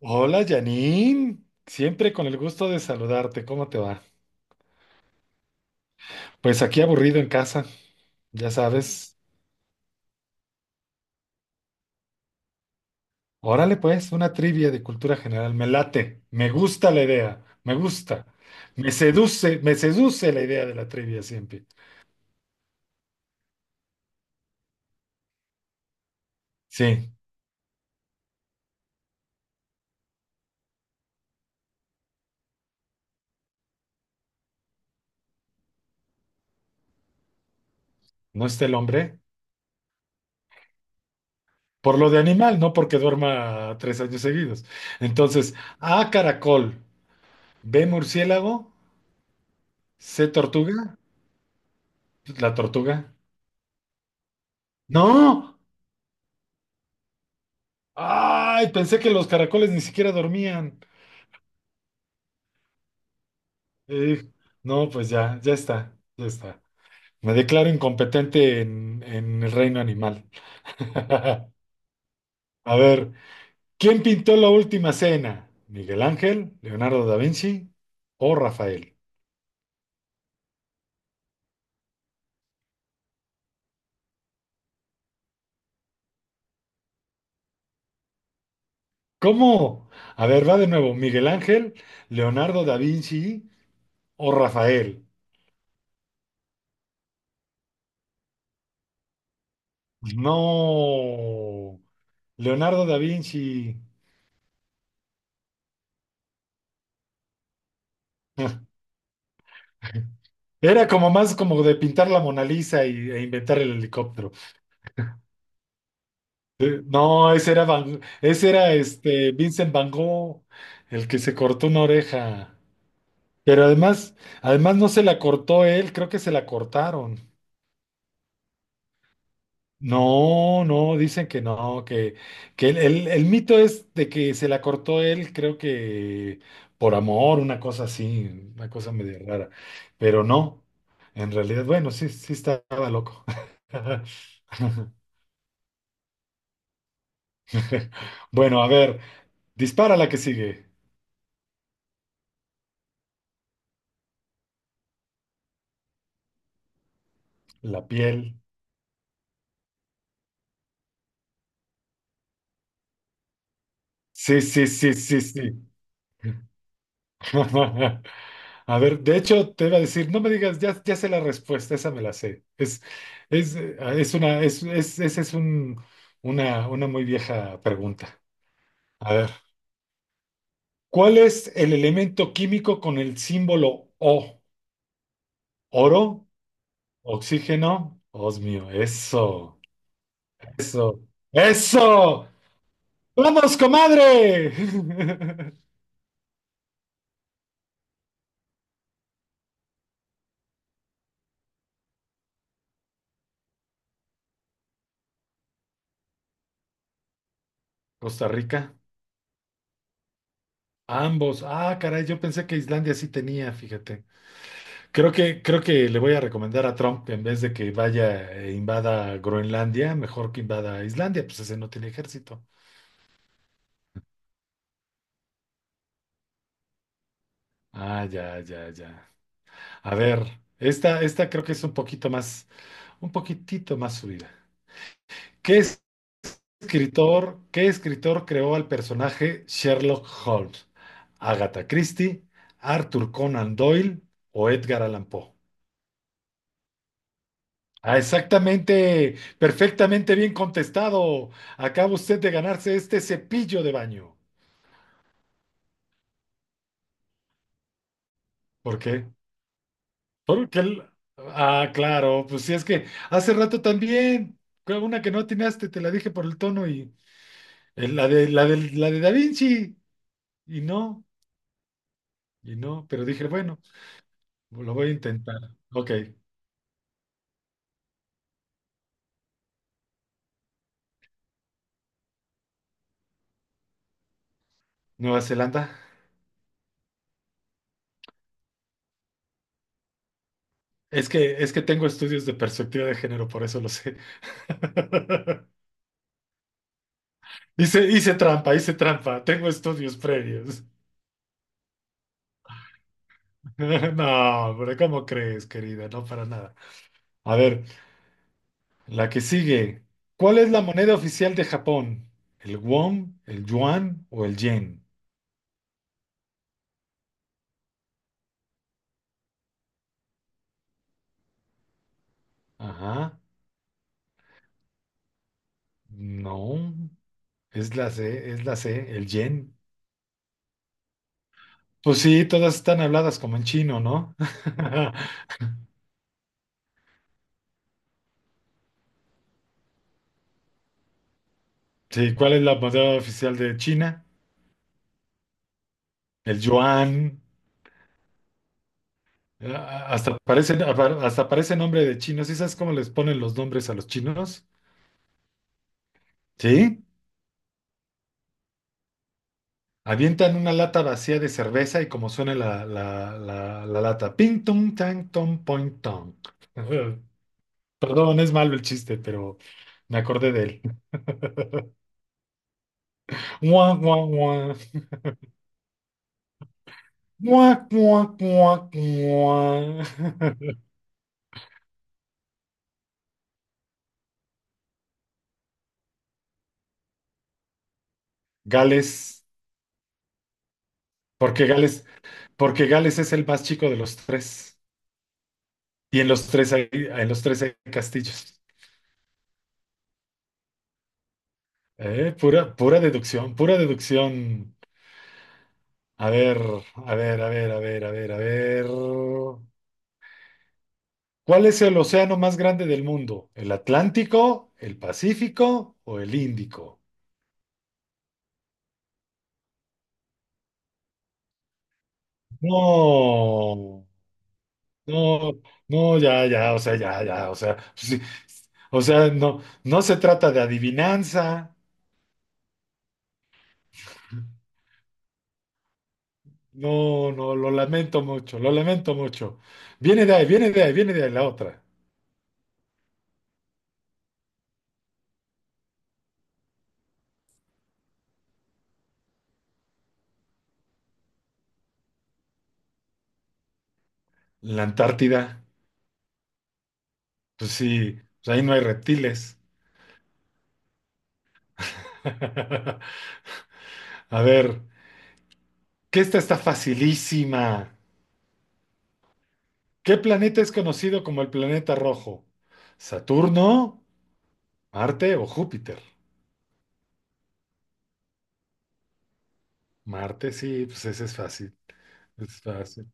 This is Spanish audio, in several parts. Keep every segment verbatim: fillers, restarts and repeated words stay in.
Hola Janine, siempre con el gusto de saludarte, ¿cómo te va? Pues aquí aburrido en casa, ya sabes. Órale pues, una trivia de cultura general, me late, me gusta la idea, me gusta, me seduce, me seduce la idea de la trivia siempre. Sí, no está el hombre, por lo de animal, no porque duerma tres años seguidos. Entonces, A caracol, B murciélago, C tortuga, la tortuga. No. Ay, pensé que los caracoles ni siquiera dormían. Eh, no, pues ya, ya está, ya está. Me declaro incompetente en, en el reino animal. A ver, ¿quién pintó la última cena? ¿Miguel Ángel, Leonardo da Vinci o Rafael? ¿Cómo? A ver, va de nuevo. ¿Miguel Ángel, Leonardo da Vinci o Rafael? No, Leonardo da Vinci. Era como más como de pintar la Mona Lisa y, e inventar el helicóptero. Eh, no, ese era Van- ese era este Vincent Van Gogh, el que se cortó una oreja. Pero además, además no se la cortó él, creo que se la cortaron. No, no, dicen que no, que, que el, el- el mito es de que se la cortó él, creo que por amor, una cosa así, una cosa medio rara. Pero no, en realidad, bueno, sí, sí estaba loco. Bueno, a ver, dispara la que sigue. La piel. Sí, sí, sí, sí, sí. A ver, de hecho, te iba a decir, no me digas, ya, ya sé la respuesta, esa me la sé. Es, es, eh, es una, es, es, esa es un, una, una muy vieja pregunta. A ver, ¿cuál es el elemento químico con el símbolo O? ¿Oro? ¿Oxígeno? Osmio, eso, eso, eso. ¡Vamos, comadre! Costa Rica. Ambos. Ah, caray, yo pensé que Islandia sí tenía, fíjate. Creo que, creo que le voy a recomendar a Trump que en vez de que vaya e invada Groenlandia, mejor que invada Islandia, pues ese no tiene ejército. Ah, ya, ya, ya. A ver, esta, esta creo que es un poquito más, un poquitito más subida. ¿Qué escritor, qué escritor creó al personaje Sherlock Holmes? ¿Agatha Christie, Arthur Conan Doyle o Edgar Allan Poe? Ah, exactamente, perfectamente bien contestado. Acaba usted de ganarse este cepillo de baño. ¿Por qué? Porque el... Ah, claro, pues si es que hace rato también, fue una que no atinaste, te la dije por el tono y eh, la de, la de, la de Da Vinci. Y no, y no, pero dije, bueno, lo voy a intentar. Ok, Nueva Zelanda. Es que, es que tengo estudios de perspectiva de género, por eso lo sé. Hice, hice trampa, hice trampa, tengo estudios previos. No, pero ¿cómo crees, querida? No, para nada. A ver, la que sigue. ¿Cuál es la moneda oficial de Japón? ¿El won, el yuan o el yen? Ajá. No, es la C, es la C, el yen. Pues sí, todas están habladas como en chino, ¿no? Sí, ¿cuál es la moneda oficial de China? El yuan. Ah, hasta parece, hasta parece nombre de chino. ¿Sí sabes cómo les ponen los nombres a los chinos? ¿Sí? Avientan una lata vacía de cerveza y como suena la, la, la, la lata. Ping, tung, tang, tom, point, tong. Perdón, es malo el chiste, pero me acordé de él. Mua, mua, mua. Mua, mua, mua, mua. Gales, porque Gales, porque Gales es el más chico de los tres. Y en los tres hay, en los tres hay castillos. Eh, pura, pura deducción, pura deducción. A ver, a ver, a ver, a ver, a ver, a ver. ¿Cuál es el océano más grande del mundo? ¿El Atlántico, el Pacífico o el Índico? No, no, no, ya, ya, o sea, ya, ya, o sea, sí, o sea, no, no se trata de adivinanza. No, no, lo lamento mucho, lo lamento mucho. Viene de ahí, viene de ahí, viene de ahí la otra. La Antártida, pues sí, pues ahí no hay reptiles. A ver, que esta está facilísima. ¿Qué planeta es conocido como el planeta rojo? ¿Saturno, Marte o Júpiter? Marte, sí, pues ese es fácil, es fácil.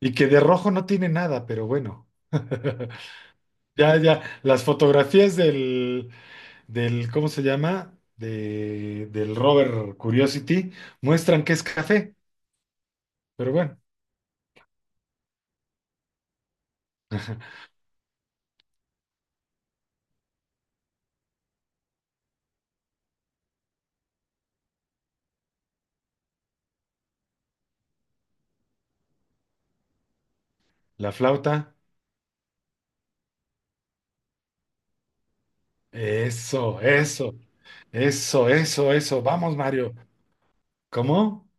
Y que de rojo no tiene nada, pero bueno. Ya, ya, las fotografías del, del, ¿cómo se llama? De- del rover Curiosity muestran que es café, pero bueno, la flauta, eso, eso, eso, eso, eso, vamos, Mario. ¿Cómo?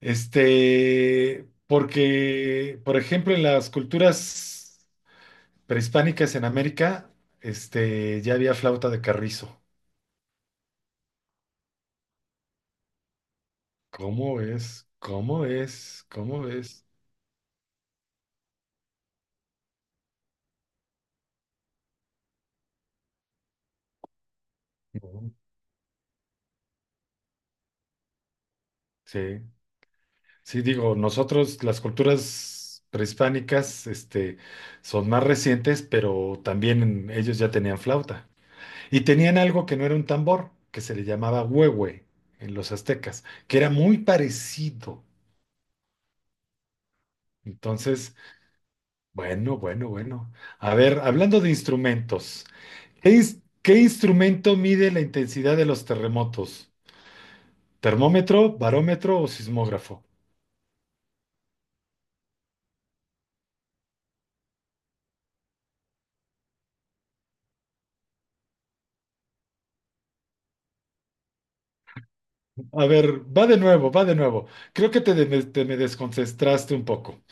Este, porque, por ejemplo, en las culturas prehispánicas en América, este, ya había flauta de carrizo. ¿Cómo es? ¿Cómo es? ¿Cómo es? No. Sí, sí, digo, nosotros las culturas prehispánicas, este, son más recientes, pero también ellos ya tenían flauta. Y tenían algo que no era un tambor, que se le llamaba huehue en los aztecas, que era muy parecido. Entonces, bueno, bueno, bueno. A ver, hablando de instrumentos, ¿qué, ins- qué instrumento mide la intensidad de los terremotos? ¿Termómetro, barómetro o sismógrafo? A ver, va de nuevo, va de nuevo. Creo que te, de- te me desconcentraste un poco.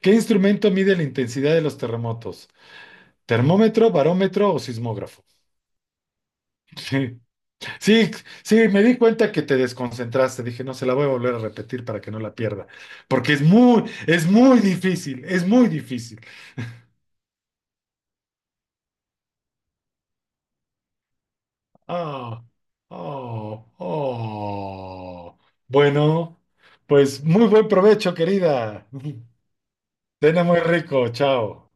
¿Qué instrumento mide la intensidad de los terremotos? ¿Termómetro, barómetro o sismógrafo? Sí, sí, sí, me di cuenta que te desconcentraste. Dije, no, se la voy a volver a repetir para que no la pierda, porque es muy, es muy difícil, es muy difícil. Ah, oh, oh. Bueno, pues muy buen provecho, querida. Cena muy rico, chao.